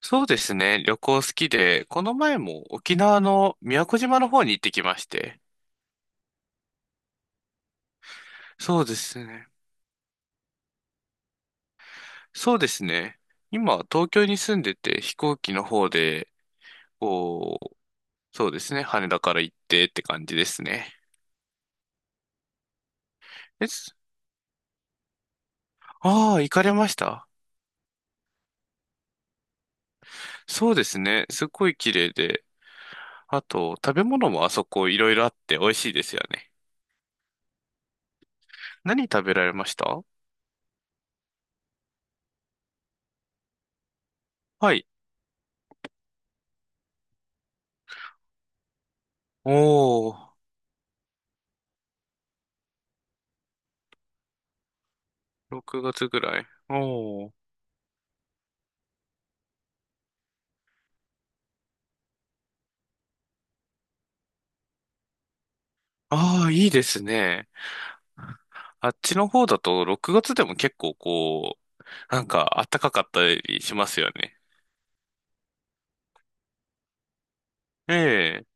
そうですね。旅行好きで、この前も沖縄の宮古島の方に行ってきまして。そうですね。そうですね。今、東京に住んでて、飛行機の方で、こう、そうですね。羽田から行ってって感じですね。え、ああ、行かれました。そうですね。すっごい綺麗で。あと、食べ物もあそこいろいろあって美味しいですよね。何食べられました？はい。おー、6月ぐらい。おー、ああ、いいですね。あっちの方だと6月でも結構こう、なんか暖かかったりしますよね。ええ。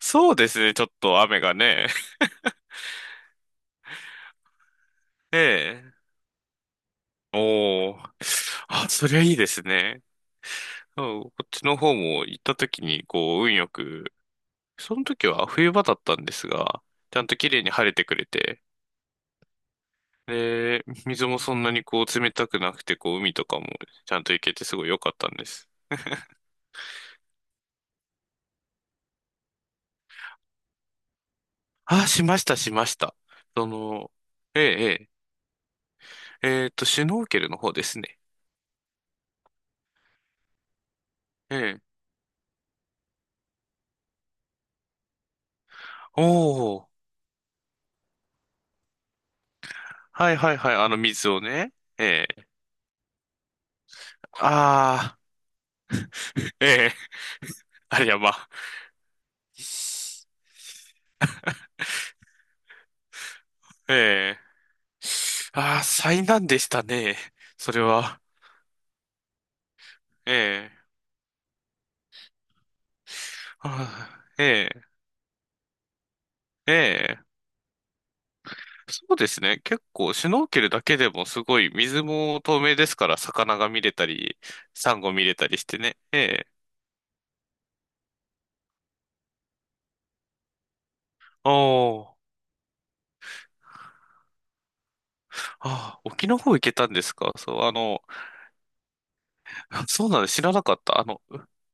そうですね、ちょっと雨がね。ええ。おー。あ、そりゃいいですね。そう、こっちの方も行った時にこう運よく、その時は冬場だったんですが、ちゃんと綺麗に晴れてくれて、で、水もそんなにこう冷たくなくて、こう海とかもちゃんと行けてすごい良かったんです。あ、しました、しました。その、ええ、シュノーケルの方ですね。ええ。おー。はいはいはい。あの水をね。ええ。ああ。ええ。あれやば。ええ。ああ、災難でしたね。それは。ええ。ああ、ええ。ええ。そうですね。結構、シュノーケルだけでもすごい、水も透明ですから、魚が見れたり、サンゴ見れたりしてね。ええ。おー。ああ、沖の方行けたんですか？そう、あの、あ、そうなんです。知らなかった。あの、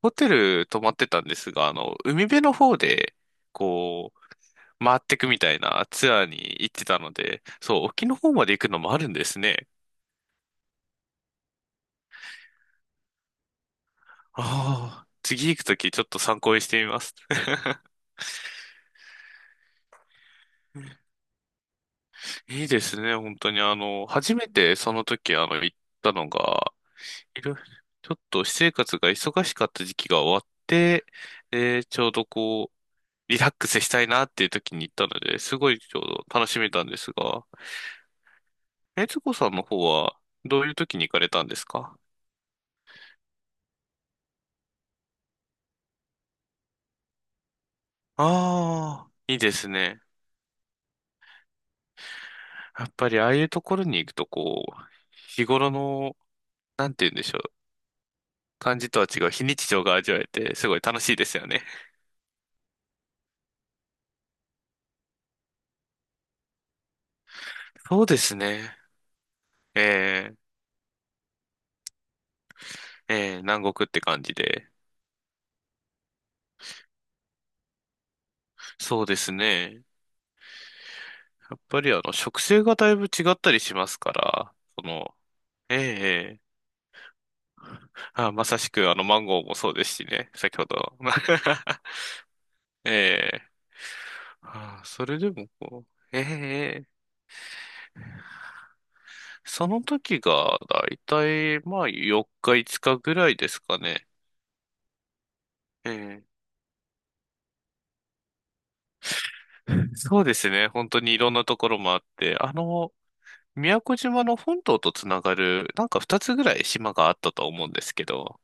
ホテル泊まってたんですが、あの、海辺の方で、こう、回ってくみたいなツアーに行ってたので、そう、沖の方まで行くのもあるんですね。ああ、次行くときちょっと参考にしてみます。いいですね、本当に。あの、初めてその時、あの、行ったのが、いろいろちょっと私生活が忙しかった時期が終わって、で、ちょうどこう、リラックスしたいなっていう時に行ったので、すごいちょうど楽しめたんですが、えつこさんの方は、どういう時に行かれたんですか？ああー、いいですね。やっぱりああいうところに行くと、こう、日頃の、なんて言うんでしょう。感じとは違う非日常が味わえて、すごい楽しいですよね。そうですね。え南国って感じで。そうですね。やっぱりあの、植生がだいぶ違ったりしますから、その、えーえあ、まさしくあの、マンゴーもそうですしね。先ほど。ええ、ああ、それでもこう、ええ、その時がだいたいまあ4日5日ぐらいですかね。ええ。 そうですね。本当にいろんなところもあって、あの、宮古島の本島とつながる、なんか2つぐらい島があったと思うんですけど、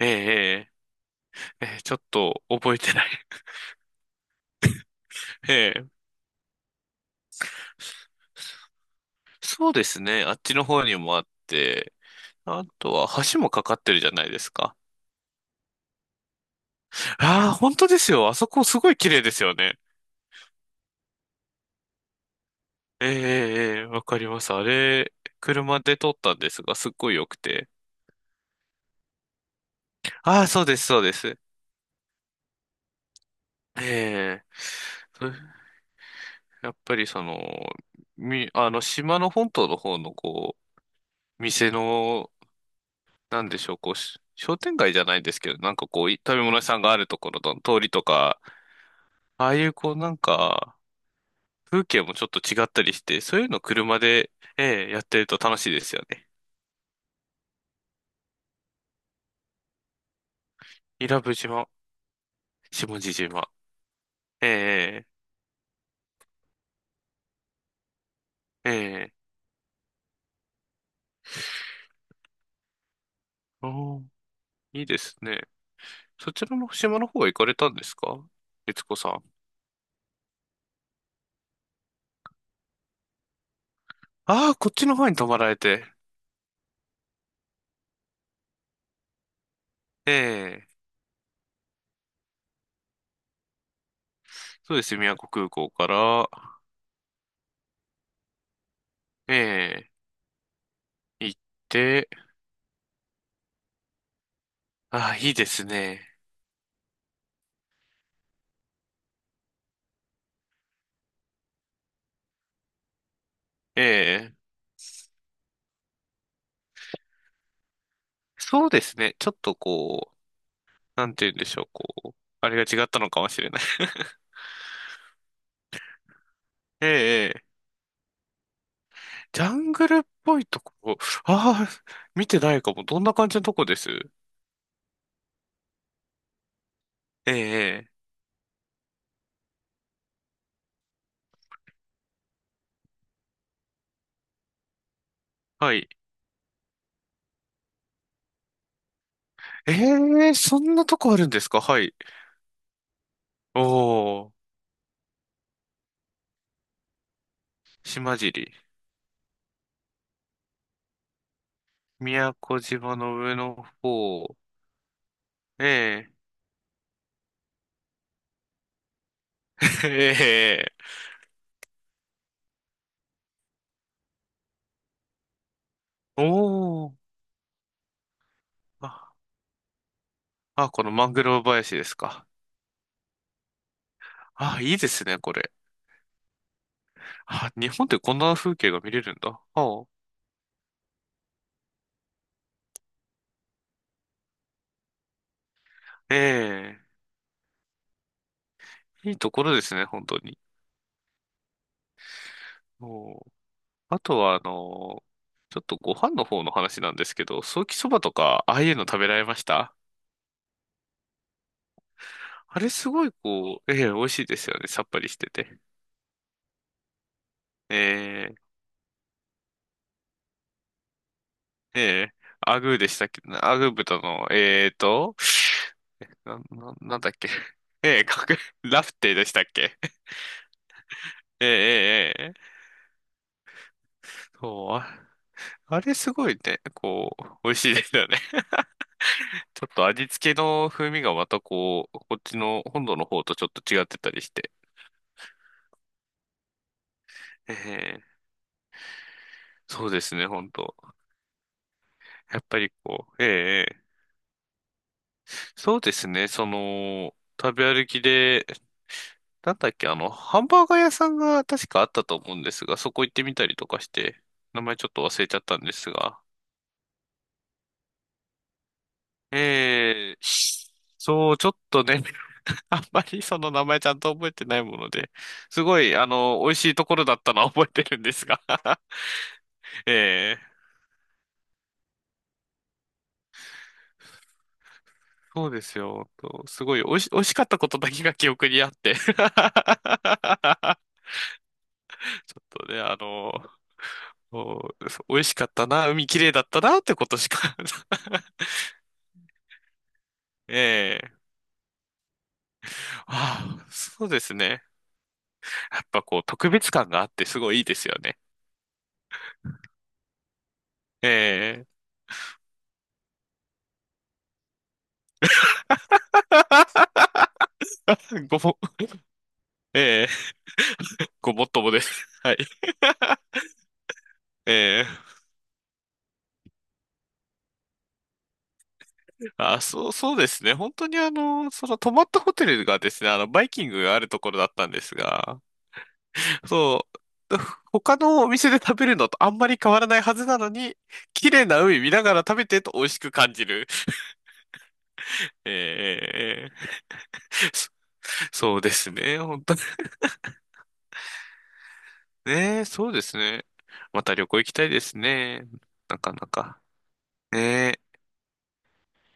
ええ、ええ、ええ、ちょっと覚えてない。ええ、そうですね。あっちの方にもあって、あとは橋もかかってるじゃないですか。ああ、本当ですよ。あそこすごい綺麗ですよね。ええ、ええ、わかります。あれ、車で撮ったんですが、すっごい良くて。ああ、そうです、そうです。ええ、そやっぱりその、あの、島の本島の方の、こう、店の、なんでしょう、こう、商店街じゃないですけど、なんかこう、食べ物屋さんがあるところの通りとか、ああいう、こう、なんか、風景もちょっと違ったりして、そういうの車で、ええ、やってると楽しいですよね。伊良部島、下地島。ええ、ええ、ええ、いいですね。そちらの島の方は行かれたんですか、悦子さん？ああ、こっちの方に泊まられて。ええ、そうです。宮古空港から、ええ、行って、ああ、いいですね。ええ、そうですね。ちょっとこう、なんて言うんでしょう、こう、あれが違ったのかもしれない。ええ、ええ、ジャングルっぽいところ、ああ、見てないかも。どんな感じのとこです？ええ、ええ、はい。ええ、そんなとこあるんですか？はい。おー、島尻。宮古島の上の方。ええ。ええ。おー。あ、あ、このマングローブ林ですか？あ、いいですね、これ。あ、日本ってこんな風景が見れるんだ。ああ、ええ。いいところですね、本当に。お、あとは、あの、ちょっとご飯の方の話なんですけど、ソーキそばとか、ああいうの食べられました？あれすごい、こう、ええ、美味しいですよね。さっぱりしてて。ええ、ええ。アグーでしたっけ、アグー豚の、なんだっけ。ええ、ラフテーでしたっけ。ええ、ええ、ええ。そう。あれすごいね、こう、美味しいですよね。ちょっと味付けの風味がまたこう、こっちの本土の方とちょっと違ってたりして。ええ、そうですね、本当。やっぱりこう、ええ、ええ。そうですね、その、食べ歩きで、なんだっけ、あの、ハンバーガー屋さんが確かあったと思うんですが、そこ行ってみたりとかして、名前ちょっと忘れちゃったんですが。ええ、そう、ちょっとね、あんまりその名前ちゃんと覚えてないもので、すごい、あの、美味しいところだったのは 覚えてるんですが ええ、そうですよ。とすごい、美味しかったことだけが記憶にあって ちょっとね、あの、そうそう美味しかったな、海綺麗だったな、ってことしか ええ、ああ、そうですね。やっぱこう、特別感があってすごいいいですよね。ええ、ええ、ごもっともです。はい。ええ、あ、そう、そうですね。本当にあの、その泊まったホテルがですね、あの、バイキングがあるところだったんですが、そう、他のお店で食べるのとあんまり変わらないはずなのに、綺麗な海見ながら食べてると美味しく感じる。ええ、そそうですね。本当にね。そうですね。また旅行行きたいですね。なかなか。ねえ。